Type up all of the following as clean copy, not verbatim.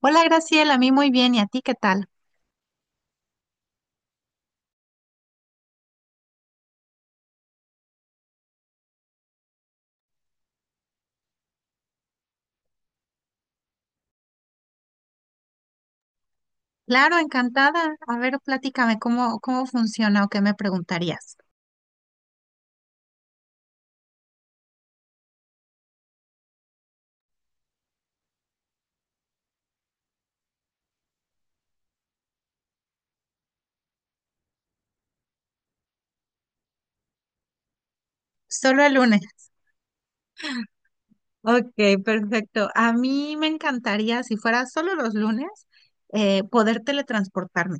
Hola Graciela, a mí muy bien, ¿y a ti qué tal? Claro, encantada. A ver, platícame cómo funciona o qué me preguntarías. Solo el lunes. Ok, perfecto. A mí me encantaría, si fuera solo los lunes, poder teletransportarme.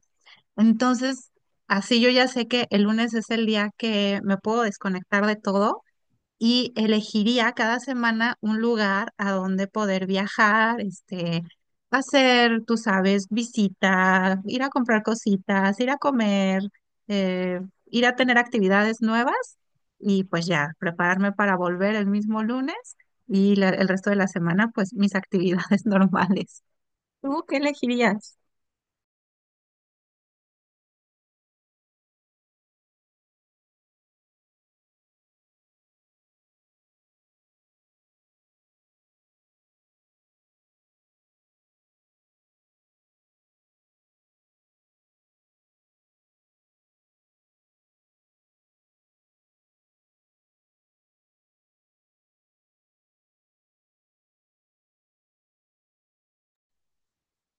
Entonces, así yo ya sé que el lunes es el día que me puedo desconectar de todo y elegiría cada semana un lugar a donde poder viajar, hacer, tú sabes, visita, ir a comprar cositas, ir a comer, eh, ir a tener actividades nuevas y pues ya, prepararme para volver el mismo lunes y el resto de la semana, pues mis actividades normales. ¿Tú qué elegirías?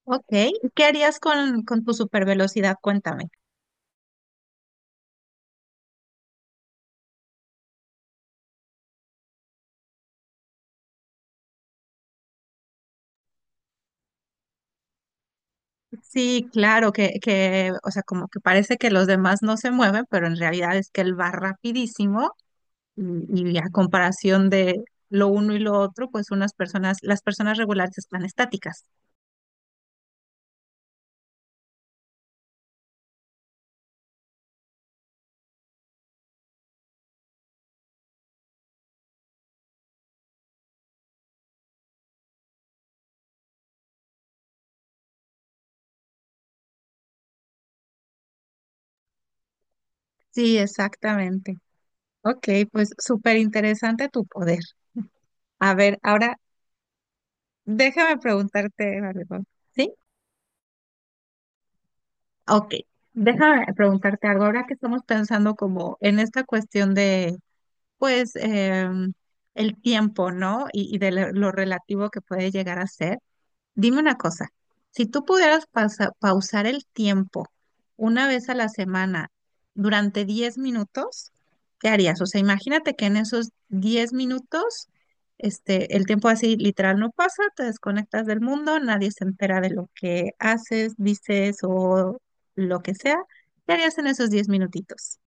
Ok, ¿y qué harías con tu supervelocidad? Cuéntame. Sí, claro, que, o sea, como que parece que los demás no se mueven, pero en realidad es que él va rapidísimo y a comparación de lo uno y lo otro, pues unas personas, las personas regulares están estáticas. Sí, exactamente. Ok, pues súper interesante tu poder. A ver, ahora déjame preguntarte algo. ¿Sí? Ok, déjame preguntarte algo. Ahora que estamos pensando como en esta cuestión de pues el tiempo, ¿no? Y de lo relativo que puede llegar a ser. Dime una cosa, si tú pudieras pausar el tiempo una vez a la semana durante 10 minutos, ¿qué harías? O sea, imagínate que en esos 10 minutos, el tiempo así literal no pasa, te desconectas del mundo, nadie se entera de lo que haces, dices o lo que sea. ¿Qué harías en esos 10 minutitos?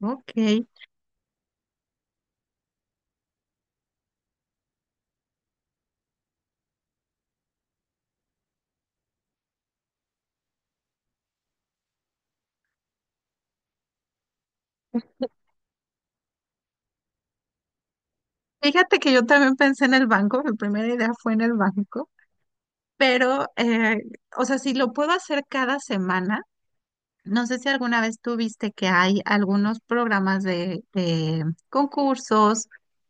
Ok, fíjate que yo también pensé en el banco, mi primera idea fue en el banco, pero, o sea, si lo puedo hacer cada semana, no sé si alguna vez tú viste que hay algunos programas de concursos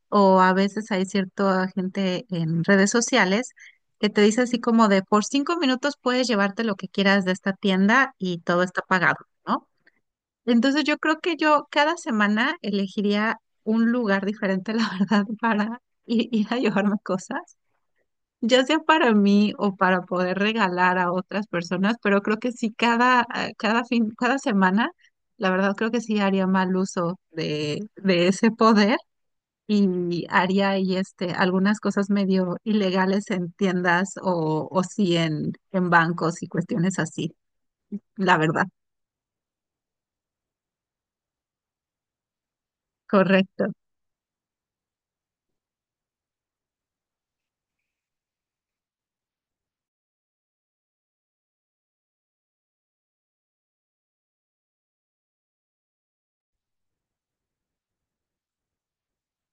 o a veces hay cierta gente en redes sociales que te dice así como de por 5 minutos puedes llevarte lo que quieras de esta tienda y todo está pagado, ¿no? Entonces yo creo que yo cada semana elegiría un lugar diferente, la verdad, para ir a llevarme cosas, ya sea para mí o para poder regalar a otras personas, pero creo que sí cada, ah, cada fin, cada semana, la verdad creo que sí haría mal uso de ese poder y haría ahí algunas cosas medio ilegales en tiendas o sí en, bancos y cuestiones así, la verdad. Correcto.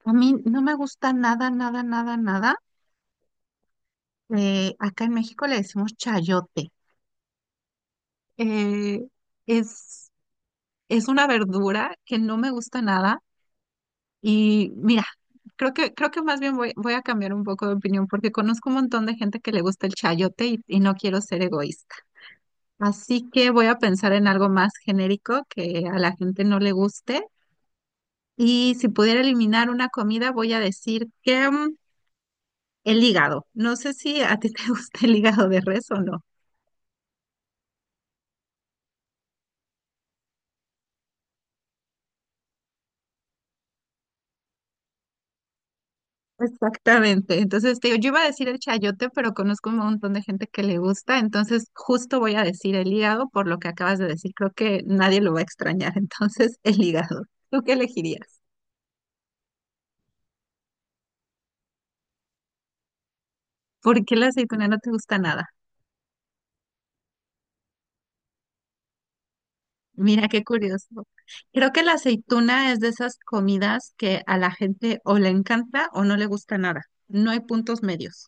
A mí no me gusta nada, nada, nada, nada. Acá en México le decimos chayote. Eh, es, es una verdura que no me gusta nada. Y mira, creo que más bien voy a cambiar un poco de opinión porque conozco un montón de gente que le gusta el chayote y no quiero ser egoísta. Así que voy a pensar en algo más genérico que a la gente no le guste. Y si pudiera eliminar una comida, voy a decir que el hígado. No sé si a ti te gusta el hígado de res o no. Exactamente. Entonces, te digo, yo iba a decir el chayote, pero conozco un montón de gente que le gusta, entonces justo voy a decir el hígado por lo que acabas de decir. Creo que nadie lo va a extrañar, entonces el hígado. ¿Tú qué elegirías? ¿Por qué la aceituna no te gusta nada? Mira, qué curioso. Creo que la aceituna es de esas comidas que a la gente o le encanta o no le gusta nada. No hay puntos medios.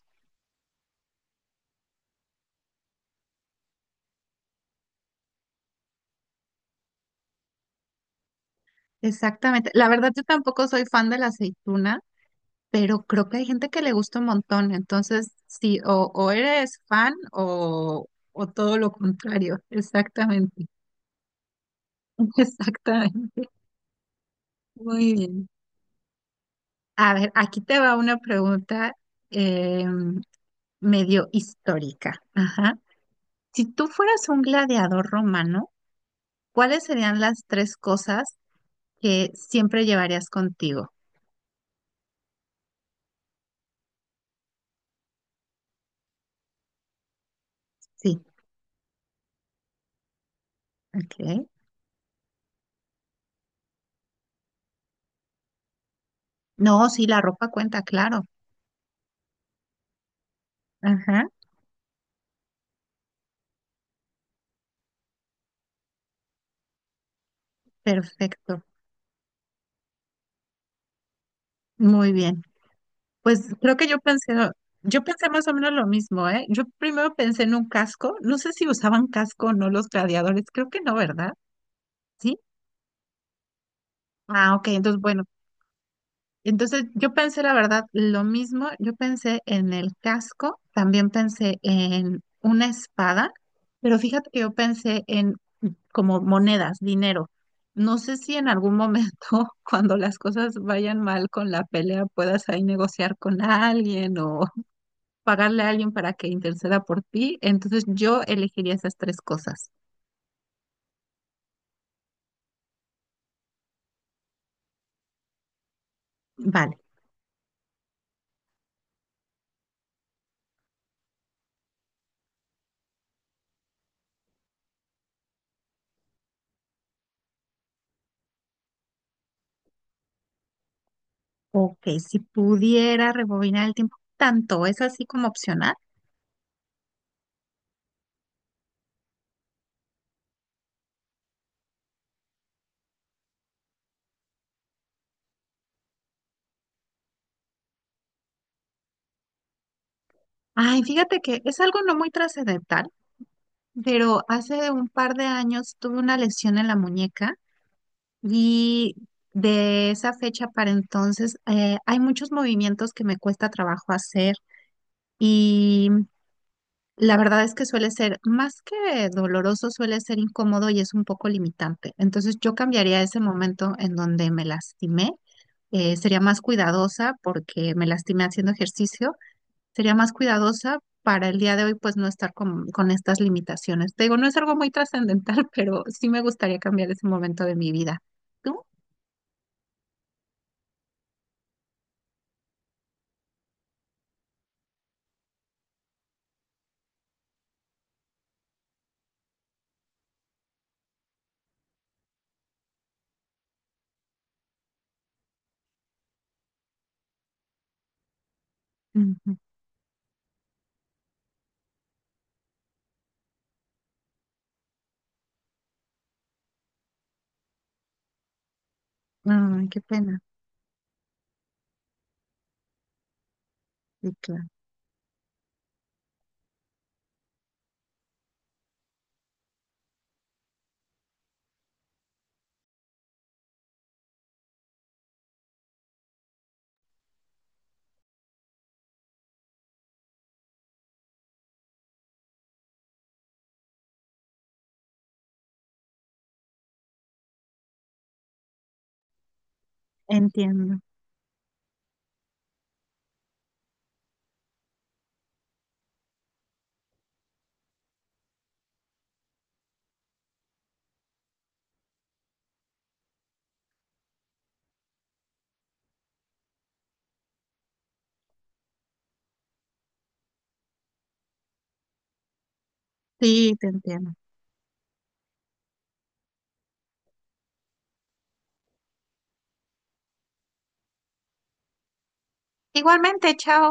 Exactamente. La verdad, yo tampoco soy fan de la aceituna, pero creo que hay gente que le gusta un montón, entonces sí, o eres fan o todo lo contrario, exactamente, exactamente, muy bien. A ver, aquí te va una pregunta eh, medio histórica. Ajá. Si tú fueras un gladiador romano, ¿cuáles serían las tres cosas que siempre llevarías contigo? Sí, ok. No, sí, la ropa cuenta, claro. Ajá, perfecto, muy bien. Pues creo que yo pensé más o menos lo mismo, ¿eh? Yo primero pensé en un casco, no sé si usaban casco o no los gladiadores, creo que no, ¿verdad? Sí. Ah, ok, entonces bueno, entonces yo pensé la verdad lo mismo, yo pensé en el casco, también pensé en una espada, pero fíjate que yo pensé en como monedas, dinero. No sé si en algún momento, cuando las cosas vayan mal con la pelea, puedas ahí negociar con alguien o pagarle a alguien para que interceda por ti, entonces yo elegiría esas tres cosas. Vale, ok, si pudiera rebobinar el tiempo tanto, es así como opcional. Ay, fíjate que es algo no muy trascendental, pero hace un par de años tuve una lesión en la muñeca y de esa fecha para entonces hay muchos movimientos que me cuesta trabajo hacer y la verdad es que suele ser, más que doloroso, suele ser incómodo y es un poco limitante. Entonces yo cambiaría ese momento en donde me lastimé. Sería más cuidadosa porque me lastimé haciendo ejercicio. Sería más cuidadosa para el día de hoy, pues no estar con, estas limitaciones. Te digo, no es algo muy trascendental, pero sí me gustaría cambiar ese momento de mi vida. ¿Tú? Ujú. Ay, qué pena. Sí, claro. Entiendo. Sí, te entiendo. Igualmente, chao.